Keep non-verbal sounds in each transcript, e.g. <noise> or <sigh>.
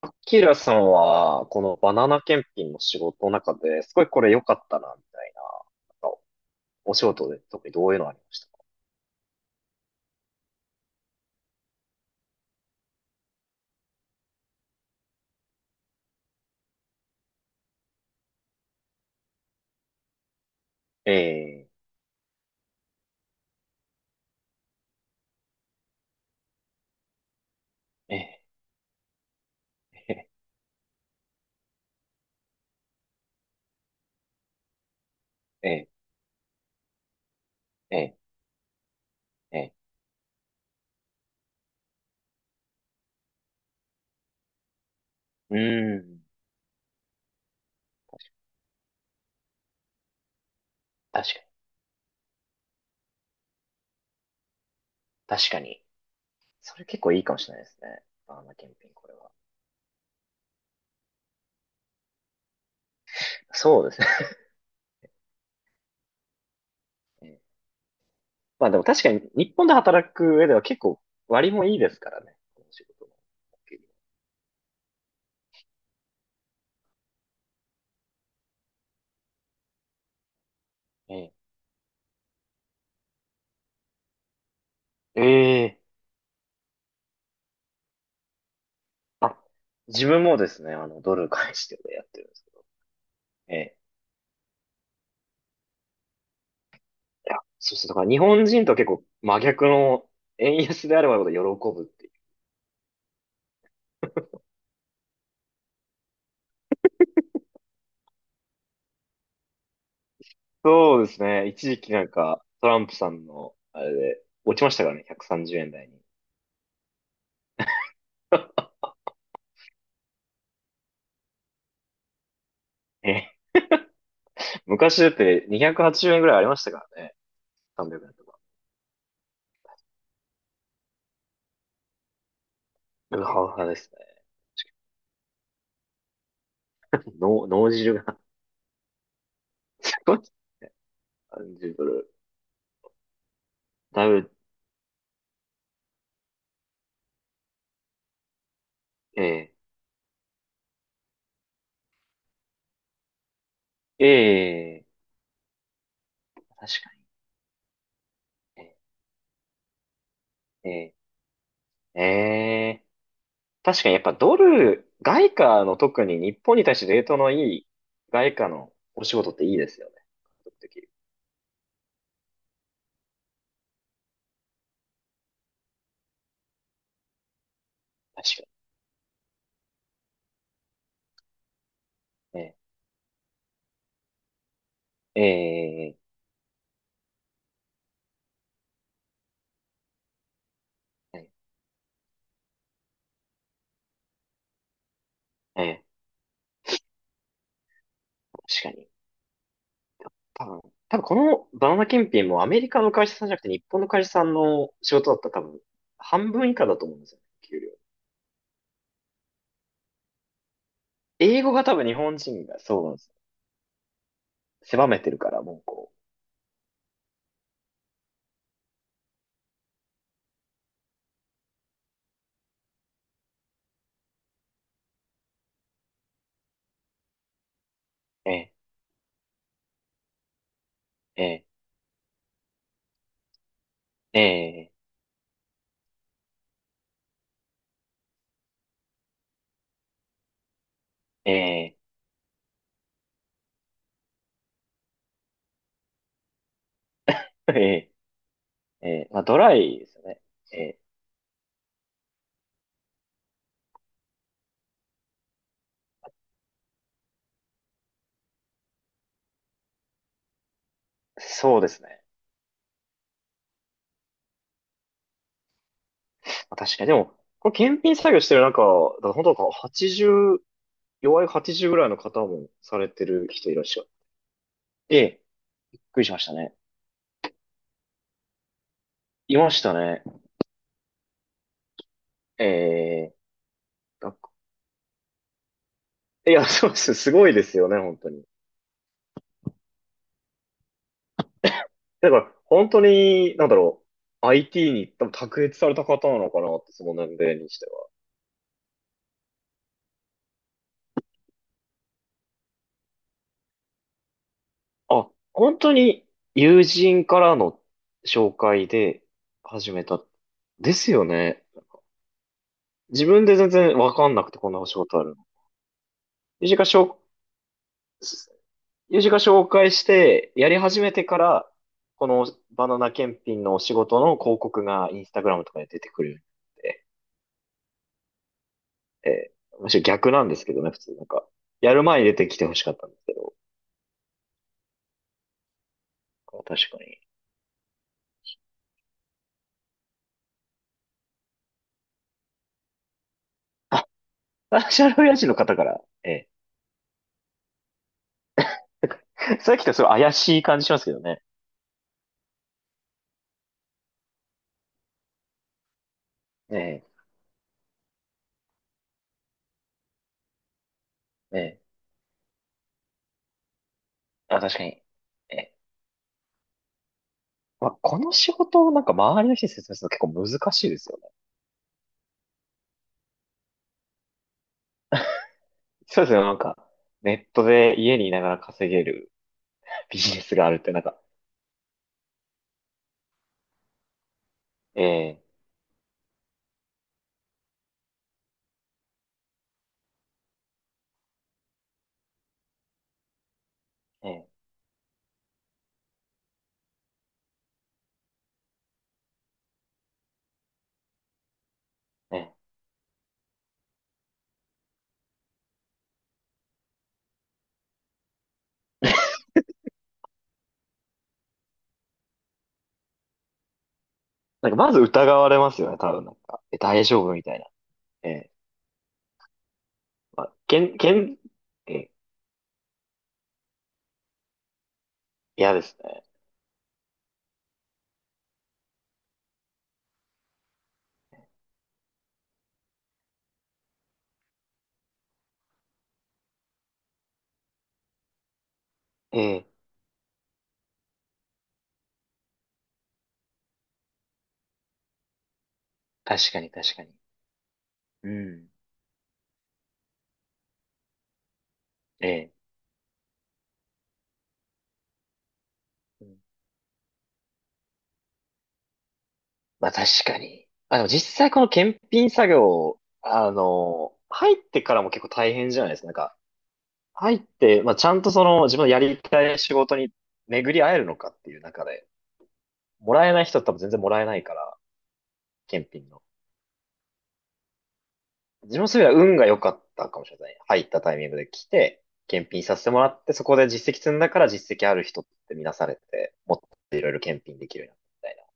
アキラさんは、このバナナ検品の仕事の中で、すごいこれ良かったな、みたいな、なんかお仕事で特にどういうのありましたか？ええええええええええ。うーん、確かに、確かに。それ結構いいかもしれないですね。バナナ検品、これは。そうですね。ええ、まあでも確かに、日本で働く上では結構割もいいですからね。この仕事の給料。ええええ、あ、自分もですね、あの、ドル返してでやってるんですけど。ええ、いや、そうですね。だから日本人とは結構真逆の、円安であればあるほど喜ぶっていう。そうですね。一時期なんかトランプさんのあれで落ちましたからね。130円台に。<laughs> え、昔だって280円ぐらいありましたからね。300円とか。うわうわですね。<laughs> 脳汁が <laughs> すごい。<laughs> 30ドル。だいぶ、ええええ、確かに。ええええええ、確かに、やっぱドル、外貨の、特に日本に対してレートのいい外貨のお仕事っていいですよね。獲得できる。確かに。ええ、ええ、ええ、ええ、確かに。多分、多分このバナナ検品もアメリカの会社さんじゃなくて日本の会社さんの仕事だったら多分半分以下だと思うんですよ、給料。英語が多分日本人がそうなんですよ。狭めてるから、もうこう。ええ、ええ、ええ、ええ、ええ、ええ、まあドライですよね。ええ、そうですね。確かに。でも、これ検品作業してる中、だから本当なんか、80、弱い80ぐらいの方もされてる人いらっしゃる。ええ、びっくりしましたね。いましたね。ええ、なんか、いや、<laughs> そうです。すごいですよね、本当に。だから、本当に、なんだろう。IT に多分卓越された方なのかなって、その年齢にしては。あ、本当に友人からの紹介で始めた。ですよね。自分で全然わかんなくてこんなお仕事あるの。友人から紹す友人が紹介して、やり始めてから、このバナナ検品のお仕事の広告がインスタグラムとかで出てくるようになって、えーむしろ逆なんですけどね。普通なんか、やる前に出てきてほしかったんですけど、確かに。あ、ナショル親父の方から、<laughs> なんかさっきとすごい怪しい感じしますけどね。えー、えあ、確かに。えまあ、この仕事をなんか周りの人に説明するの結構難しいですよね。そうですよ、なんか、ネットで家にいながら稼げるビジネスがあるってなんか、ええ、ええ、ええ。なんかまず疑われますよね、多分なんか。え、大丈夫みたいな。ええ。まあ、けん、けん、ええ、嫌ですね。ええ、確かに確かに。うん。ええ。うん、まあ確かに。まあ、でも実際この検品作業、あの、入ってからも結構大変じゃないですか。なんか、入って、まあちゃんとその自分のやりたい仕事に巡り会えるのかっていう中で、もらえない人は多分全然もらえないから、検品の。自分のそういう意味では運が良かったかもしれない。入ったタイミングで来て、検品させてもらって、そこで実績積んだから実績ある人って見なされて、もっといろいろ検品できるようになったみたいな。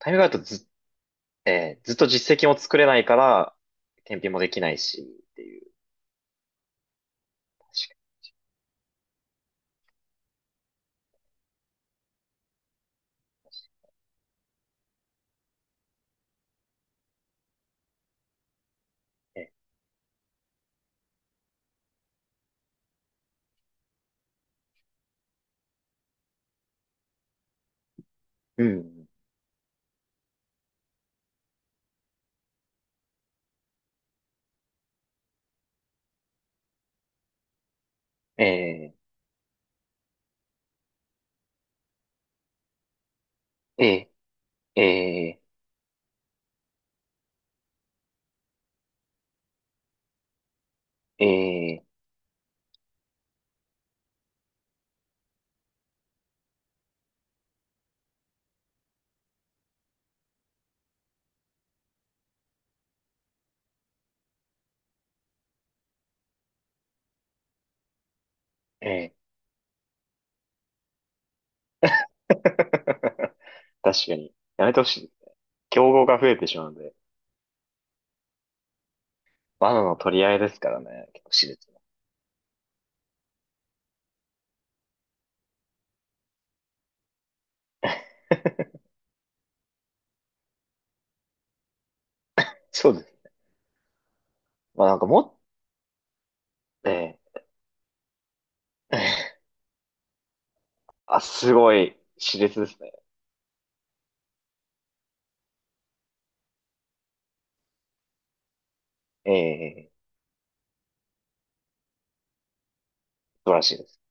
タイミングがあるとず、えーずっと実績も作れないから、検品もできないし、っていう。確かにね。うん。えー、えー、えー、えー、えー。<laughs> 確かに。やめてほしい。競合が増えてしまうので。バナナの取り合いですからね。結構熾烈な。そうです。まあなんかもっ、えーあ、すごい、熾烈ですね。ええ、素晴らしいです。